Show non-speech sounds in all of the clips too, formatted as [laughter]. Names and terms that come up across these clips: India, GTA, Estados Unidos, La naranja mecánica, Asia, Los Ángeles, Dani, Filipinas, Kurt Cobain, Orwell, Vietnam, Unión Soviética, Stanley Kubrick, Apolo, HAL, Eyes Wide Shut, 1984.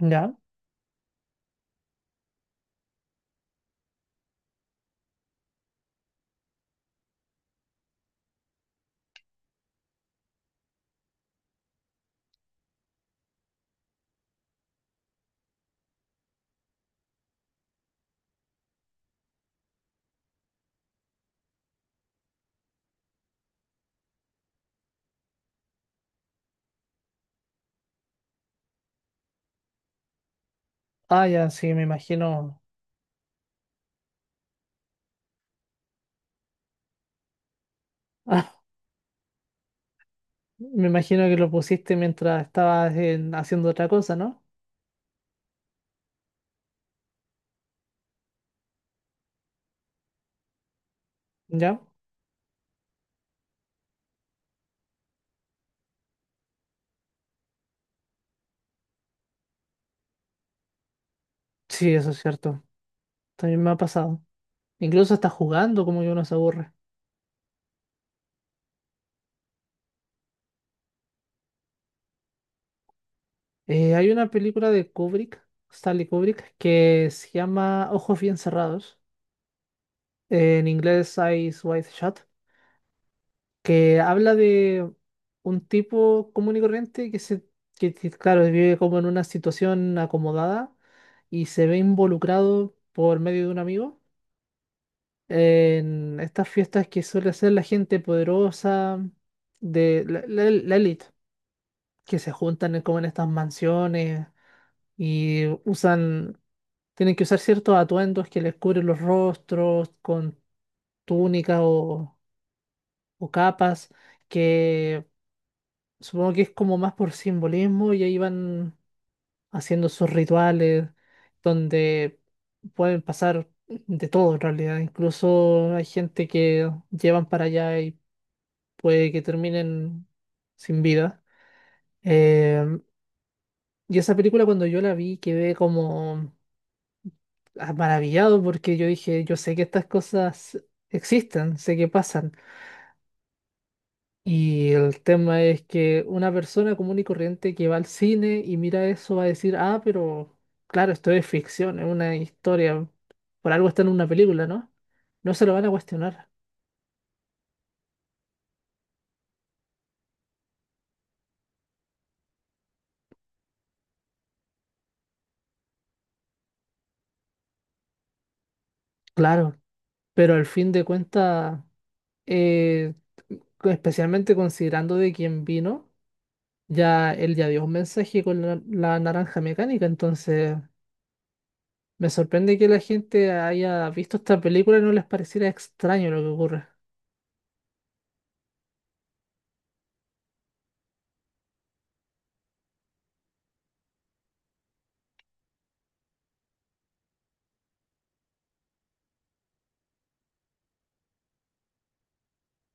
Ya. Ah, ya, sí, me imagino. [laughs] Ah, me imagino que lo pusiste mientras estabas haciendo otra cosa, ¿no? Ya. Sí, eso es cierto. También me ha pasado. Incluso hasta jugando, como que uno se aburre. Hay una película de Kubrick, Stanley Kubrick, que se llama Ojos bien cerrados, en inglés, Eyes Wide Shut, que habla de un tipo común y corriente que claro, vive como en una situación acomodada y se ve involucrado por medio de un amigo en estas fiestas que suele hacer la gente poderosa de la élite, que se juntan como en estas mansiones y usan, tienen que usar ciertos atuendos que les cubren los rostros con túnicas o capas. Que Supongo que es como más por simbolismo y ahí van haciendo sus rituales donde pueden pasar de todo en realidad. Incluso hay gente que llevan para allá y puede que terminen sin vida. Eh, y esa película, cuando yo la vi, quedé como, ah, maravillado, porque yo dije, yo sé que estas cosas existen, sé que pasan. Y el tema es que una persona común y corriente que va al cine y mira eso va a decir, ah, pero claro, esto es ficción, es una historia, por algo está en una película, ¿no? No se lo van a cuestionar, claro, pero al fin de cuentas, eh, especialmente considerando de quién vino, ya él ya dio un mensaje con la naranja mecánica, entonces me sorprende que la gente haya visto esta película y no les pareciera extraño lo que ocurre.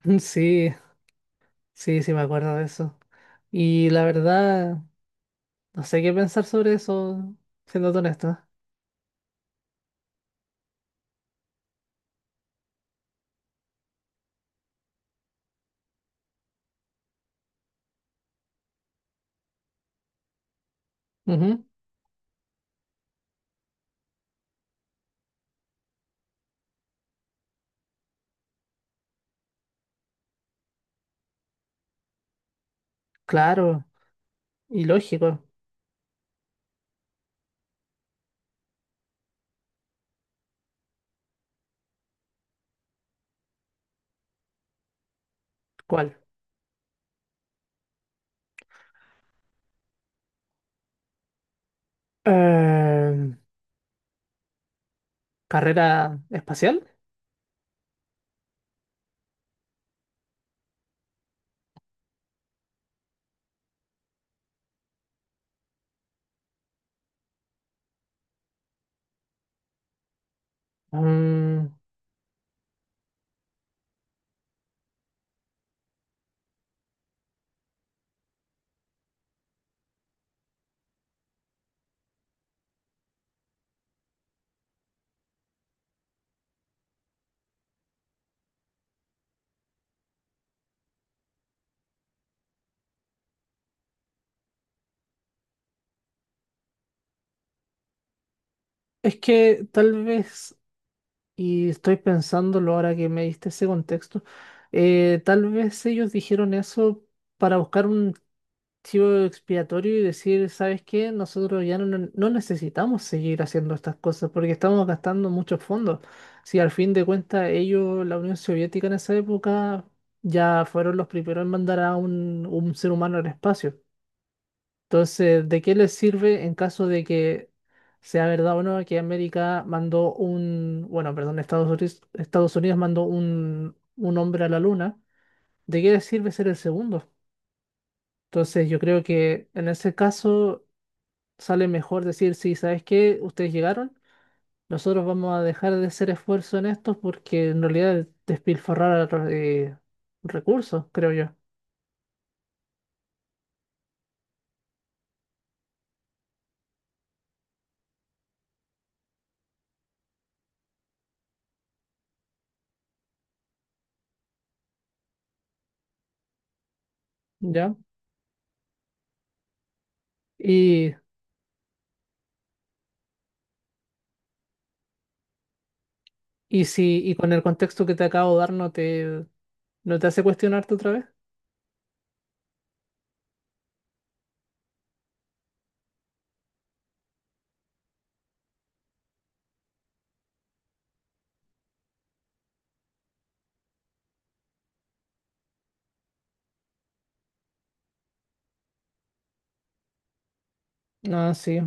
[laughs] Sí. Sí, sí, me acuerdo de eso. Y la verdad, no sé qué pensar sobre eso, siendo honesto. Ujú. Claro, y lógico. ¿Cuál? Eh, ¿Carrera espacial? Mm, es que tal vez, y estoy pensándolo ahora que me diste ese contexto, tal vez ellos dijeron eso para buscar un chivo expiatorio y decir, ¿sabes qué? Nosotros ya no necesitamos seguir haciendo estas cosas porque estamos gastando muchos fondos. Si al fin de cuentas ellos, la Unión Soviética en esa época, ya fueron los primeros en mandar a un ser humano al espacio. Entonces, ¿de qué les sirve en caso de que sea verdad o no que América mandó un, bueno, perdón, Estados Unidos, Estados Unidos mandó un hombre a la luna? ¿De qué les sirve ser el segundo? Entonces, yo creo que en ese caso sale mejor decir, sí, ¿sabes qué? Ustedes llegaron, nosotros vamos a dejar de hacer esfuerzo en esto porque en realidad es despilfarrar recursos, creo yo. ¿Ya? Y, y si y con el contexto que te acabo de dar, no te, hace cuestionarte otra vez. Ah, sí.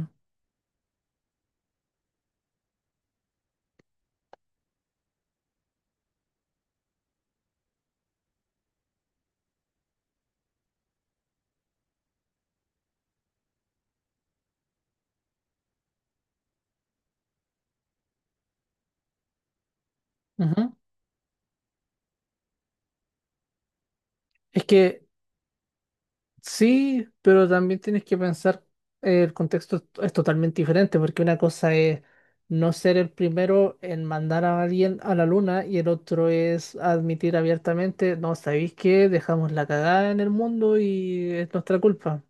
Ujú. Es que Sí, pero también tienes que pensar, el contexto es totalmente diferente, porque una cosa es no ser el primero en mandar a alguien a la luna y el otro es admitir abiertamente, no, ¿sabéis qué? Dejamos la cagada en el mundo y es nuestra culpa.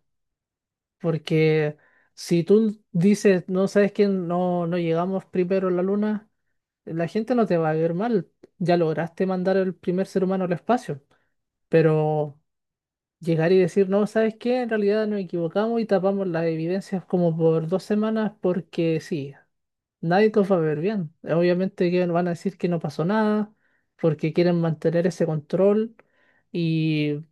Porque si tú dices, no, sabes que no llegamos primero a la luna, la gente no te va a ver mal, ya lograste mandar el primer ser humano al espacio, pero... Llegar y decir, no, ¿sabes qué? En realidad nos equivocamos y tapamos las evidencias como por 2 semanas porque sí, nadie los va a ver bien. Obviamente que van a decir que no pasó nada porque quieren mantener ese control y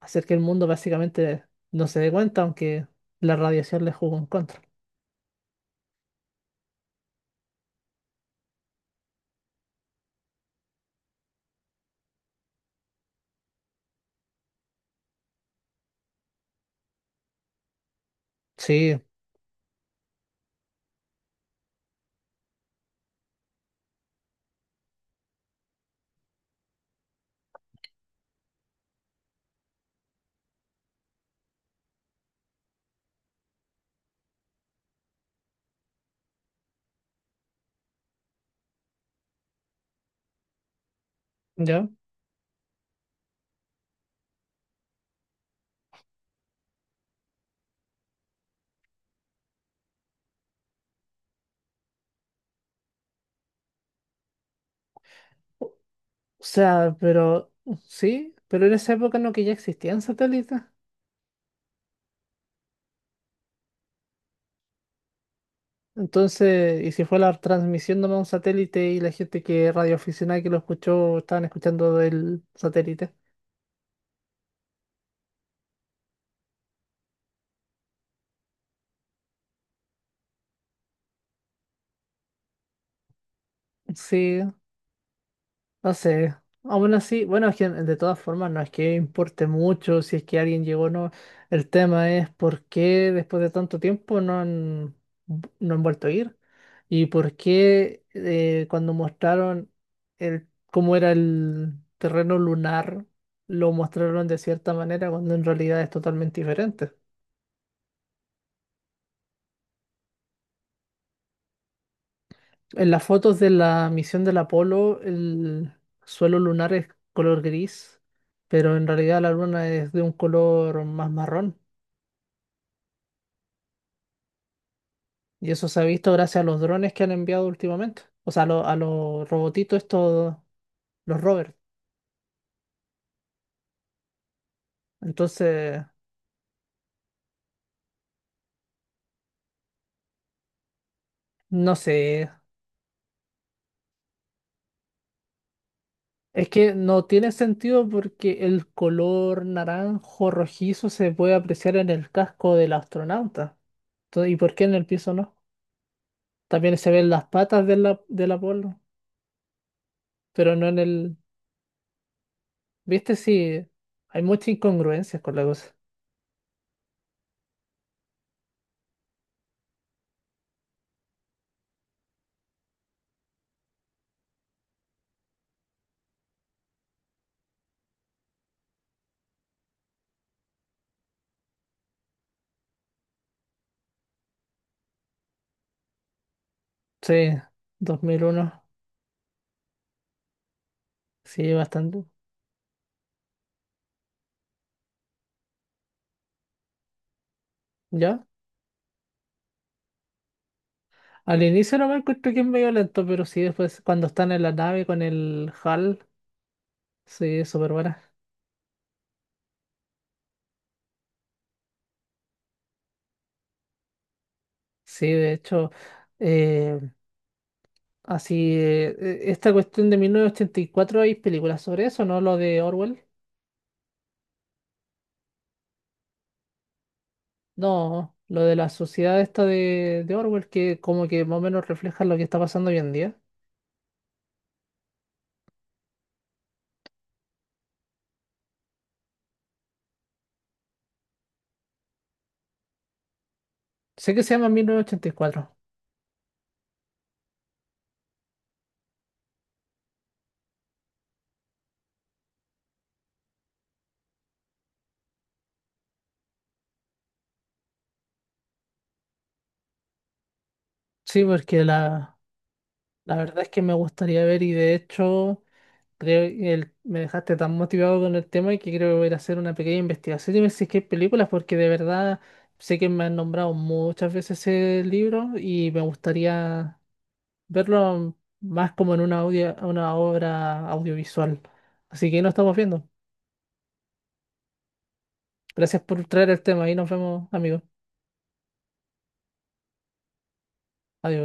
hacer que el mundo básicamente no se dé cuenta, aunque la radiación les jugó en contra. Sí, ya. O sea, pero sí, pero en esa época no, que ya existían satélites. Entonces, y si fue la transmisión de un satélite y la gente que radioaficionada que lo escuchó estaban escuchando del satélite. Sí, no sé. Aún así, bueno, es que de todas formas no es que importe mucho si es que alguien llegó o no. El tema es por qué después de tanto tiempo no han vuelto a ir. Y por qué cuando mostraron cómo era el terreno lunar, lo mostraron de cierta manera cuando en realidad es totalmente diferente. En las fotos de la misión del Apolo, el suelo lunar es color gris, pero en realidad la luna es de un color más marrón. Y eso se ha visto gracias a los drones que han enviado últimamente. O sea, a los robotitos estos, los rovers. Entonces, no sé. Es que no tiene sentido porque el color naranjo rojizo se puede apreciar en el casco del astronauta. Entonces, ¿y por qué en el piso no? También se ven las patas del Apolo, pero no en el... ¿Viste si hay muchas incongruencias con la cosa? Sí, 2001, sí, bastante. ¿Ya? Al inicio no me encuentro, que es medio lento, pero sí, después cuando están en la nave con el HAL, sí, es súper buena. Sí, de hecho, eh, así, esta cuestión de 1984, ¿hay películas sobre eso, no? Lo de Orwell. No, lo de la sociedad esta de Orwell, que como que más o menos refleja lo que está pasando hoy en día. Sé que se llama 1984. Sí, porque la verdad es que me gustaría ver, y de hecho creo que me dejaste tan motivado con el tema, que creo que voy a ir a hacer una pequeña investigación y ver si es que hay películas, porque de verdad sé que me han nombrado muchas veces ese libro y me gustaría verlo más como en una obra audiovisual. Así que nos estamos viendo. Gracias por traer el tema y nos vemos, amigos. Adiós.